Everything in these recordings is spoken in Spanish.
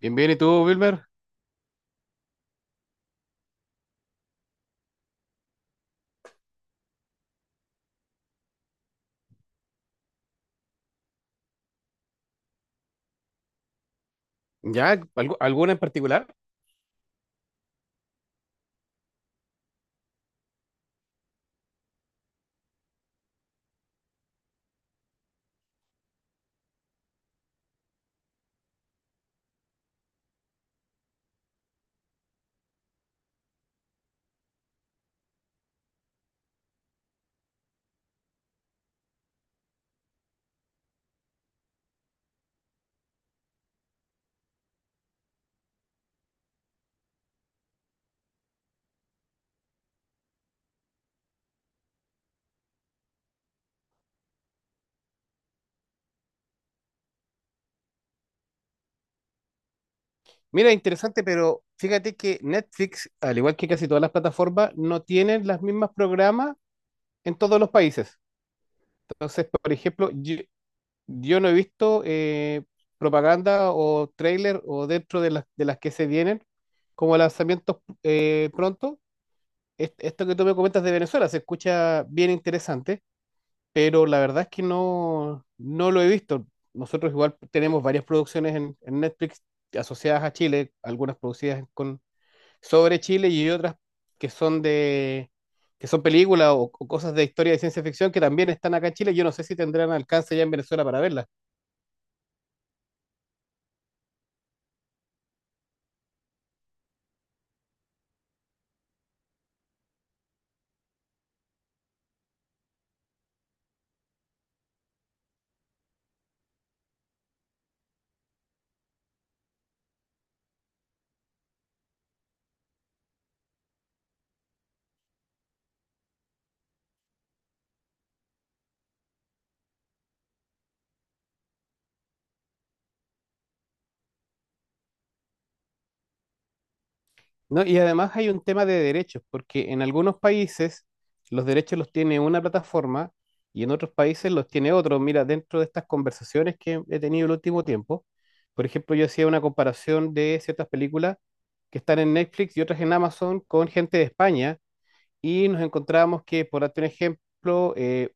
Bien, bien, ¿y tú, Wilmer? ¿Ya? ¿Alguna en particular? Mira, interesante, pero fíjate que Netflix, al igual que casi todas las plataformas, no tienen las mismas programas en todos los países. Entonces, por ejemplo, yo no he visto propaganda o trailer o dentro de las que se vienen como lanzamientos pronto. Esto que tú me comentas de Venezuela se escucha bien interesante. Pero la verdad es que no lo he visto. Nosotros igual tenemos varias producciones en Netflix asociadas a Chile, algunas producidas con, sobre Chile y otras que son de, que son películas o cosas de historia de ciencia ficción que también están acá en Chile. Yo no sé si tendrán alcance ya en Venezuela para verlas. No, y además hay un tema de derechos, porque en algunos países los derechos los tiene una plataforma y en otros países los tiene otro. Mira, dentro de estas conversaciones que he tenido el último tiempo, por ejemplo, yo hacía una comparación de ciertas películas que están en Netflix y otras en Amazon con gente de España y nos encontrábamos que, por darte un ejemplo,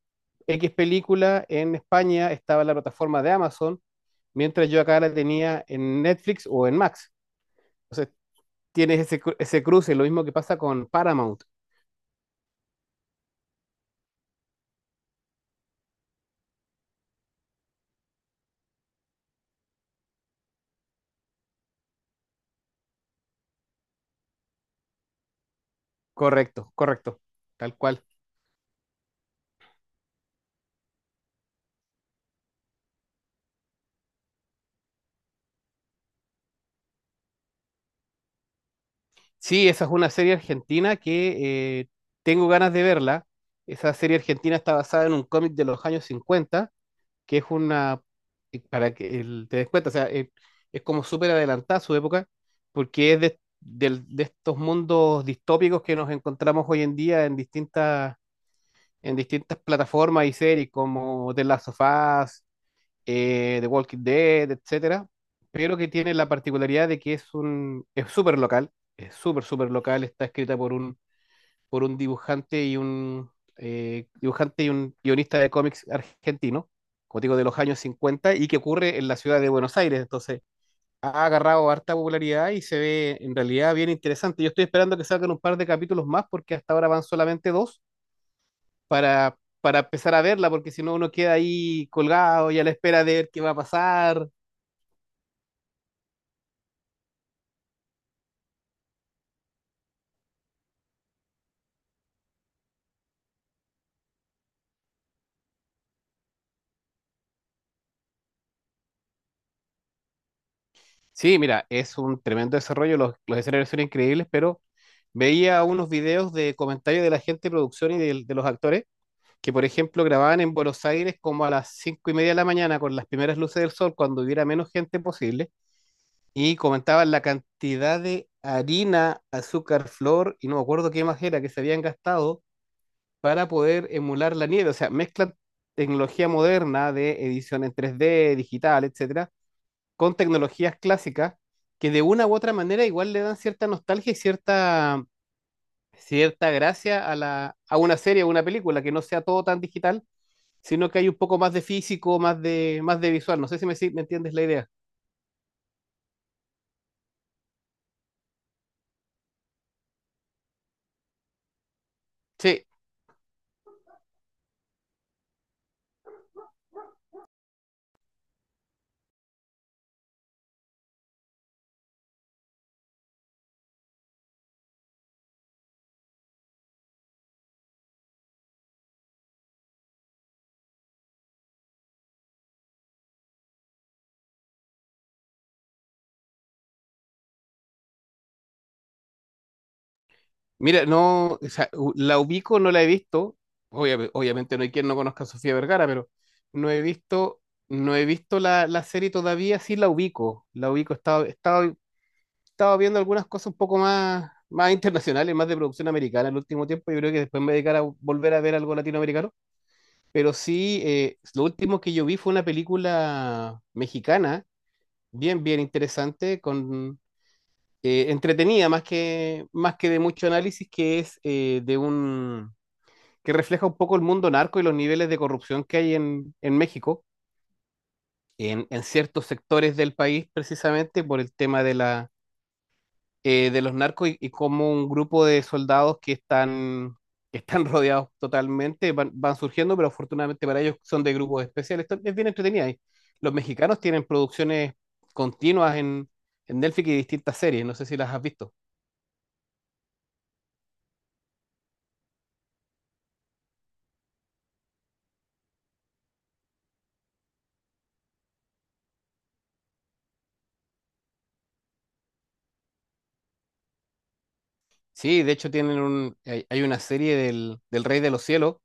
X película en España estaba en la plataforma de Amazon, mientras yo acá la tenía en Netflix o en Max. Tienes ese, ese cruce, lo mismo que pasa con Paramount. Correcto, correcto, tal cual. Sí, esa es una serie argentina que tengo ganas de verla. Esa serie argentina está basada en un cómic de los años 50, que es una, para que te des cuenta, o sea, es como súper adelantada a su época, porque es de estos mundos distópicos que nos encontramos hoy en día en distintas plataformas y series como The Last of Us, The Walking Dead, etcétera, pero que tiene la particularidad de que es un, es súper local, es súper, súper local, está escrita por un dibujante y un dibujante y un guionista de cómics argentino, como digo, de los años 50 y que ocurre en la ciudad de Buenos Aires. Entonces ha agarrado harta popularidad y se ve en realidad bien interesante. Yo estoy esperando que salgan un par de capítulos más porque hasta ahora van solamente dos para, para empezar a verla, porque si no uno queda ahí colgado y a la espera de ver qué va a pasar. Sí, mira, es un tremendo desarrollo, los escenarios son increíbles, pero veía unos videos de comentarios de la gente de producción y los actores, que por ejemplo grababan en Buenos Aires como a las 5:30 de la mañana con las primeras luces del sol, cuando hubiera menos gente posible, y comentaban la cantidad de harina, azúcar, flor y no me acuerdo qué más era que se habían gastado para poder emular la nieve. O sea, mezclan tecnología moderna de edición en 3D, digital, etcétera, con tecnologías clásicas que de una u otra manera igual le dan cierta nostalgia y cierta, cierta gracia a la, a una serie o una película, que no sea todo tan digital, sino que hay un poco más de físico, más de visual. No sé si me, si me entiendes la idea. Sí, mira, no, o sea, la ubico, no la he visto. Obviamente no hay quien no conozca a Sofía Vergara, pero no he visto, no he visto la serie todavía, sí la ubico. La ubico, estaba, estaba viendo algunas cosas un poco más, más internacionales, más de producción americana en el último tiempo. Yo creo que después me dedicaré a volver a ver algo latinoamericano. Pero sí, lo último que yo vi fue una película mexicana, bien, bien interesante, con, entretenida, más que de mucho análisis, que es que refleja un poco el mundo narco y los niveles de corrupción que hay en México, en ciertos sectores del país, precisamente por el tema de la de los narcos y cómo un grupo de soldados que están rodeados totalmente van, van surgiendo, pero afortunadamente para ellos son de grupos especiales. Esto es bien entretenida. Y los mexicanos tienen producciones continuas en Netflix y distintas series. No sé si las has visto. Sí, de hecho tienen un, hay una serie del Rey de los Cielos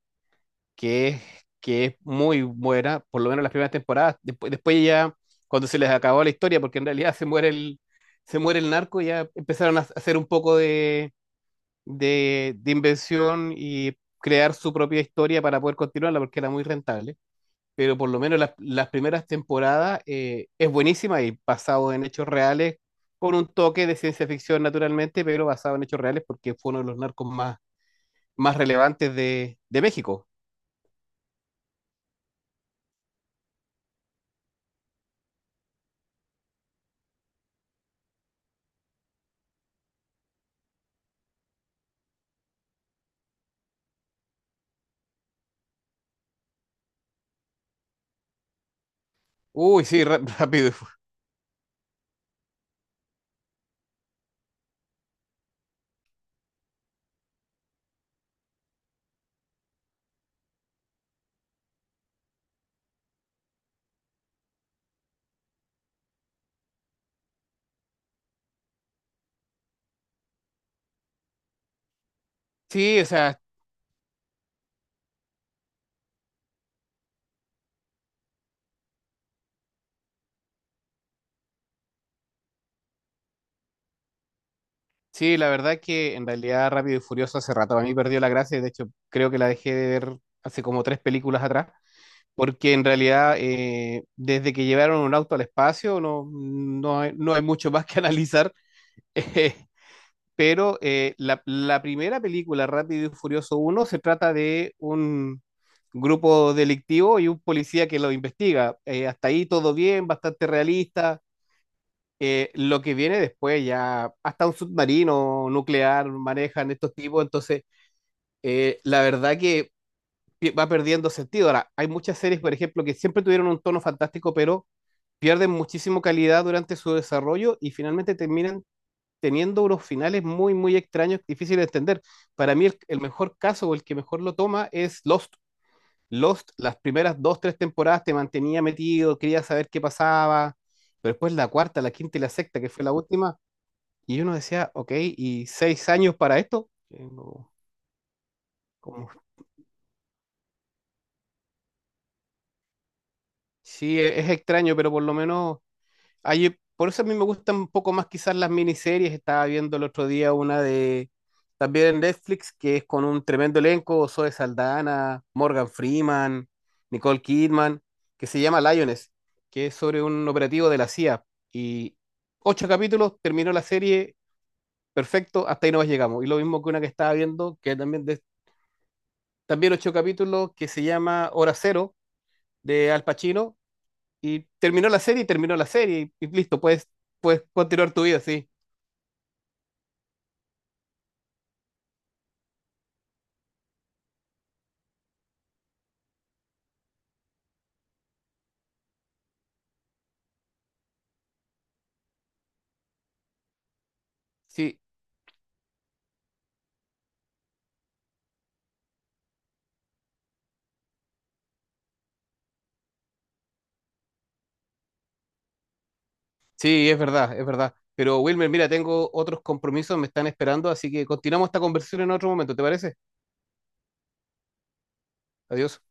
que es, que es muy buena, por lo menos las primeras temporadas. Después, después ya, cuando se les acabó la historia, porque en realidad se muere el narco, ya empezaron a hacer un poco de inversión y crear su propia historia para poder continuarla porque era muy rentable. Pero por lo menos las primeras temporadas es buenísima y basado en hechos reales, con un toque de ciencia ficción naturalmente, pero basado en hechos reales porque fue uno de los narcos más, más relevantes de México. Uy, sí, rápido. Y sí, o sea, sí, la verdad que en realidad Rápido y Furioso hace rato a mí perdió la gracia, y de hecho creo que la dejé de ver hace como 3 películas atrás. Porque en realidad, desde que llevaron un auto al espacio, no, no hay mucho más que analizar. Eh, pero la primera película, Rápido y Furioso uno, se trata de un grupo delictivo y un policía que lo investiga. Hasta ahí todo bien, bastante realista. Lo que viene después ya, hasta un submarino nuclear manejan estos tipos. Entonces, la verdad que va perdiendo sentido. Ahora, hay muchas series, por ejemplo, que siempre tuvieron un tono fantástico, pero pierden muchísimo calidad durante su desarrollo y finalmente terminan teniendo unos finales muy, muy extraños, difíciles de entender. Para mí, el mejor caso o el que mejor lo toma es Lost. Lost, las primeras dos, tres temporadas te mantenía metido, quería saber qué pasaba, pero después la cuarta, la quinta y la sexta, que fue la última, y uno decía, ok, ¿y 6 años para esto? No, como- sí, es extraño, pero por lo menos. Ay, por eso a mí me gustan un poco más quizás las miniseries. Estaba viendo el otro día una de también en Netflix que es con un tremendo elenco, Zoe Saldana, Morgan Freeman, Nicole Kidman, que se llama Lioness, que es sobre un operativo de la CIA. Y 8 capítulos, terminó la serie, perfecto, hasta ahí nomás llegamos. Y lo mismo que una que estaba viendo, que también, también 8 capítulos, que se llama Hora Cero, de Al Pacino, y terminó la serie y terminó la serie y listo, puedes, puedes continuar tu vida, sí, sí, sí, es verdad, es verdad. Pero Wilmer, mira, tengo otros compromisos, me están esperando, así que continuamos esta conversación en otro momento, ¿te parece? Adiós.